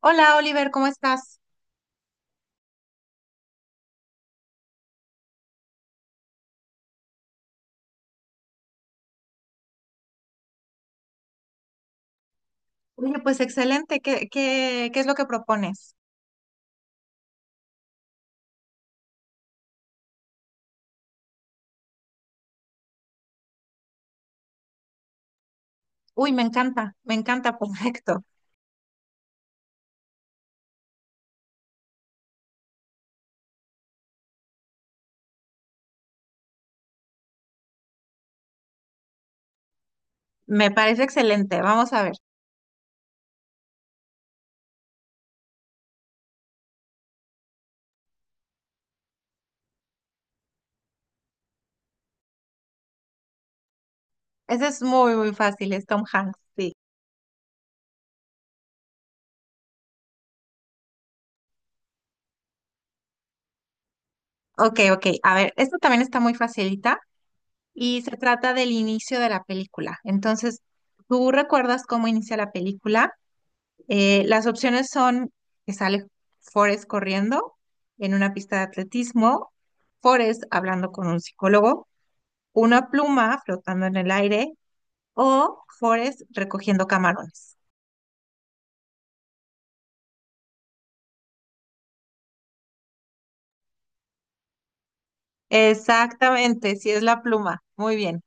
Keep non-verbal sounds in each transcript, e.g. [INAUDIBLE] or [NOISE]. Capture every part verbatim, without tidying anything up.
Hola Oliver, ¿cómo estás? Oye, pues excelente. ¿Qué, qué, qué es lo que propones? Uy, me encanta, me encanta, [LAUGHS] perfecto. Me parece excelente. Vamos a ver. Este es muy, muy fácil, es Tom Hanks, sí. Ok, ok. A ver, esto también está muy facilita y se trata del inicio de la película. Entonces, ¿tú recuerdas cómo inicia la película? Eh, las opciones son que sale Forrest corriendo en una pista de atletismo, Forrest hablando con un psicólogo, una pluma flotando en el aire o Forrest recogiendo camarones. Exactamente, sí es la pluma. Muy bien.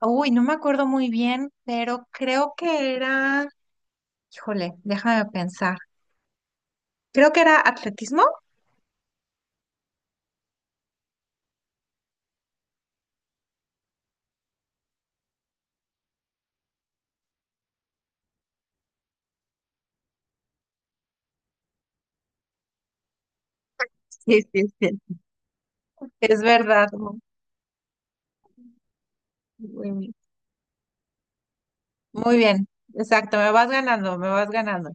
Uy, no me acuerdo muy bien, pero creo que era, híjole, déjame pensar. Creo que era atletismo. Sí, sí, sí. Es verdad. Mu- Muy bien. Muy bien. Exacto, me vas ganando, me vas ganando.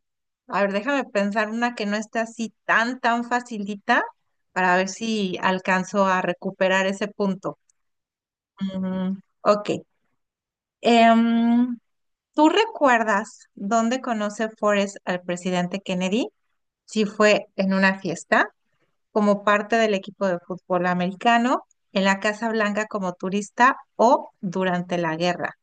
A ver, déjame pensar una que no esté así tan, tan facilita para ver si alcanzo a recuperar ese punto. Mm, ok. Em, ¿Tú recuerdas dónde conoce Forrest al presidente Kennedy? Si fue en una fiesta, como parte del equipo de fútbol americano, en la Casa Blanca como turista o durante la guerra.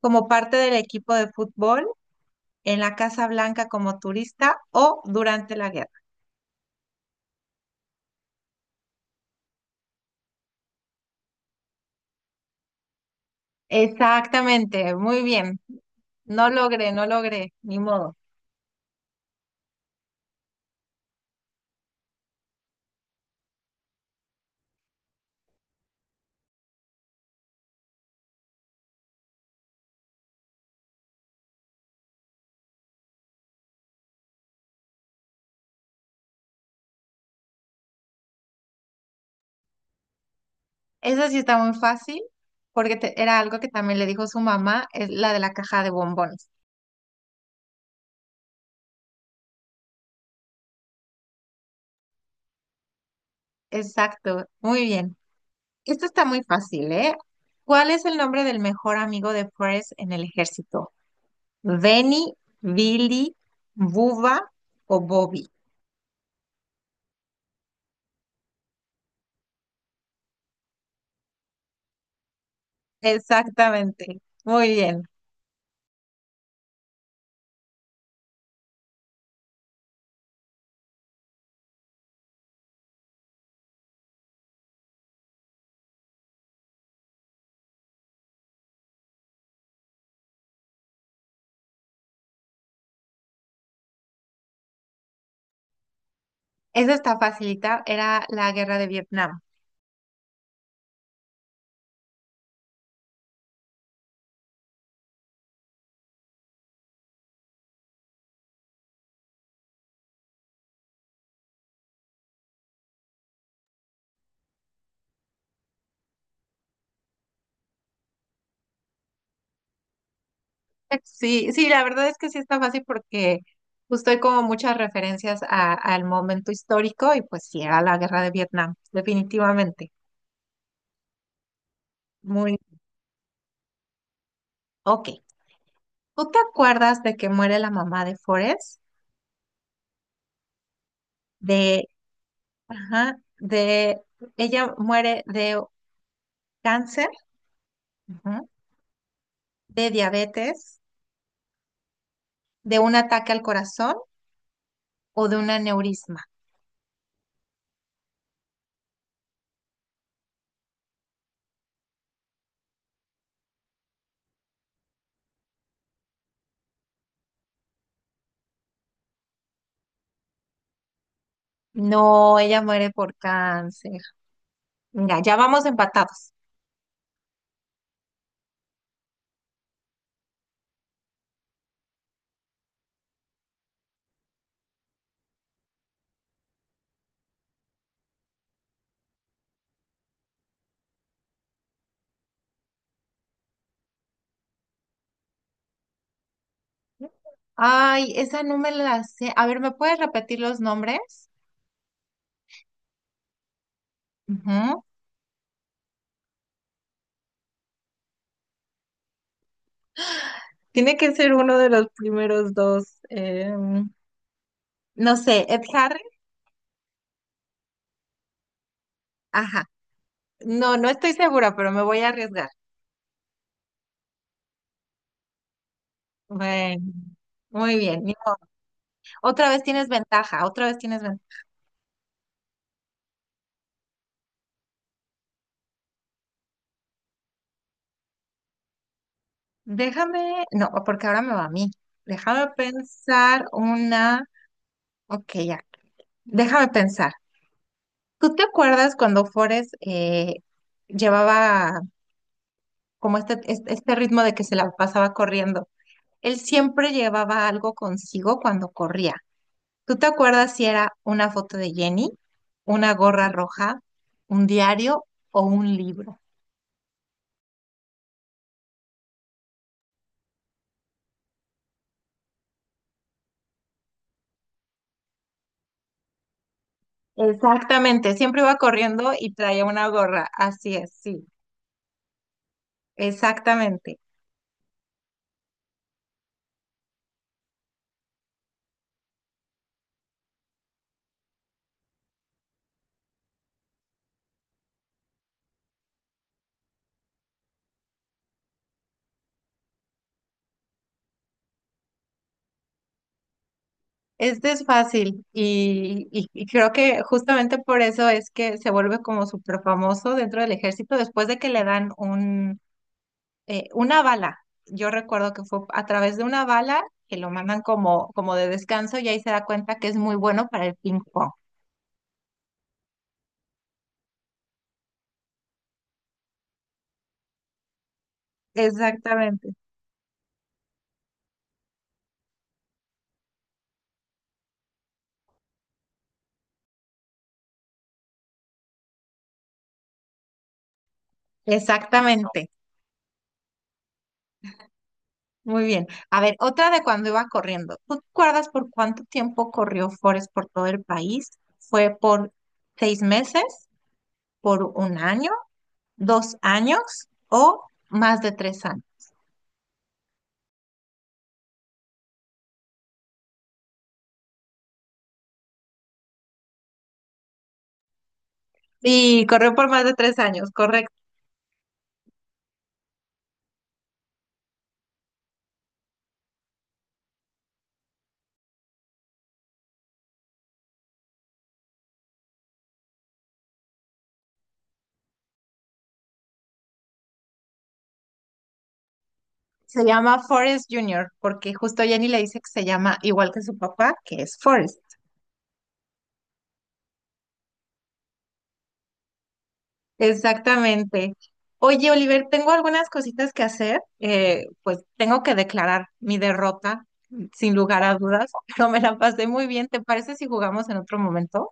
Como parte del equipo de fútbol, en la Casa Blanca como turista o durante la guerra. Exactamente, muy bien. No logré, no logré, ni modo. Eso sí está muy fácil, porque te- era algo que también le dijo su mamá, es la de la caja de bombones. Exacto, muy bien. Esto está muy fácil, ¿eh? ¿Cuál es el nombre del mejor amigo de Forrest en el ejército? ¿Benny, Billy, Bubba o Bobby? Exactamente, muy bien. Esa está facilita, era la guerra de Vietnam. [LAUGHS] Sí, sí, la verdad es que sí está fácil porque justo hay como muchas referencias a- al momento histórico y pues sí, era la guerra de Vietnam, definitivamente. Muy, ok. ¿Tú te acuerdas de que muere la mamá de Forrest? De, ajá, de, ella muere de cáncer, ajá, de diabetes, de un ataque al corazón o de un aneurisma. No, ella muere por cáncer. Mira, ya vamos empatados. Ay, esa no me la sé. A ver, ¿me puedes repetir los nombres? Ujú. Tiene que ser uno de los primeros dos. Em, no sé, Ed Harris. Ajá. No, no estoy segura, pero me voy a arriesgar. Bueno, muy bien. Otra vez tienes ventaja, otra vez tienes ventaja. Déjame, no, porque ahora me va a mí. Déjame pensar una. Ok, ya. Déjame pensar. ¿Tú te acuerdas cuando Forrest eh, llevaba como este, este, este ritmo de que se la pasaba corriendo? Él siempre llevaba algo consigo cuando corría. ¿Tú te acuerdas si era una foto de Jenny, una gorra roja, un diario o un libro? Exactamente, siempre iba corriendo y traía una gorra, así es, sí. Exactamente. Este es fácil y, y- y creo que justamente por eso es que se vuelve como súper famoso dentro del ejército después de que le dan un, eh, una bala. Yo recuerdo que fue a través de una bala que lo mandan como, como de descanso y ahí se da cuenta que es muy bueno para el ping pong. Exactamente. Exactamente. Muy bien. A ver, otra de cuando iba corriendo. ¿Tú te acuerdas por cuánto tiempo corrió Forrest por todo el país? ¿Fue por seis meses, por un año, dos años o más de tres años? Sí, corrió por más de tres años, correcto. Se llama Forrest Junior porque justo Jenny le dice que se llama igual que su papá, que es Forrest. Exactamente. Oye, Oliver, tengo algunas cositas que hacer. Eh, pues tengo que declarar mi derrota, sin lugar a dudas, [LAUGHS] pero me la pasé muy bien. ¿Te parece si jugamos en otro momento?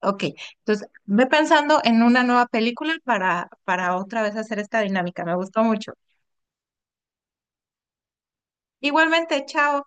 Ok, entonces ve pensando en una nueva película para, para otra vez hacer esta dinámica. Me gustó mucho. Igualmente, chao.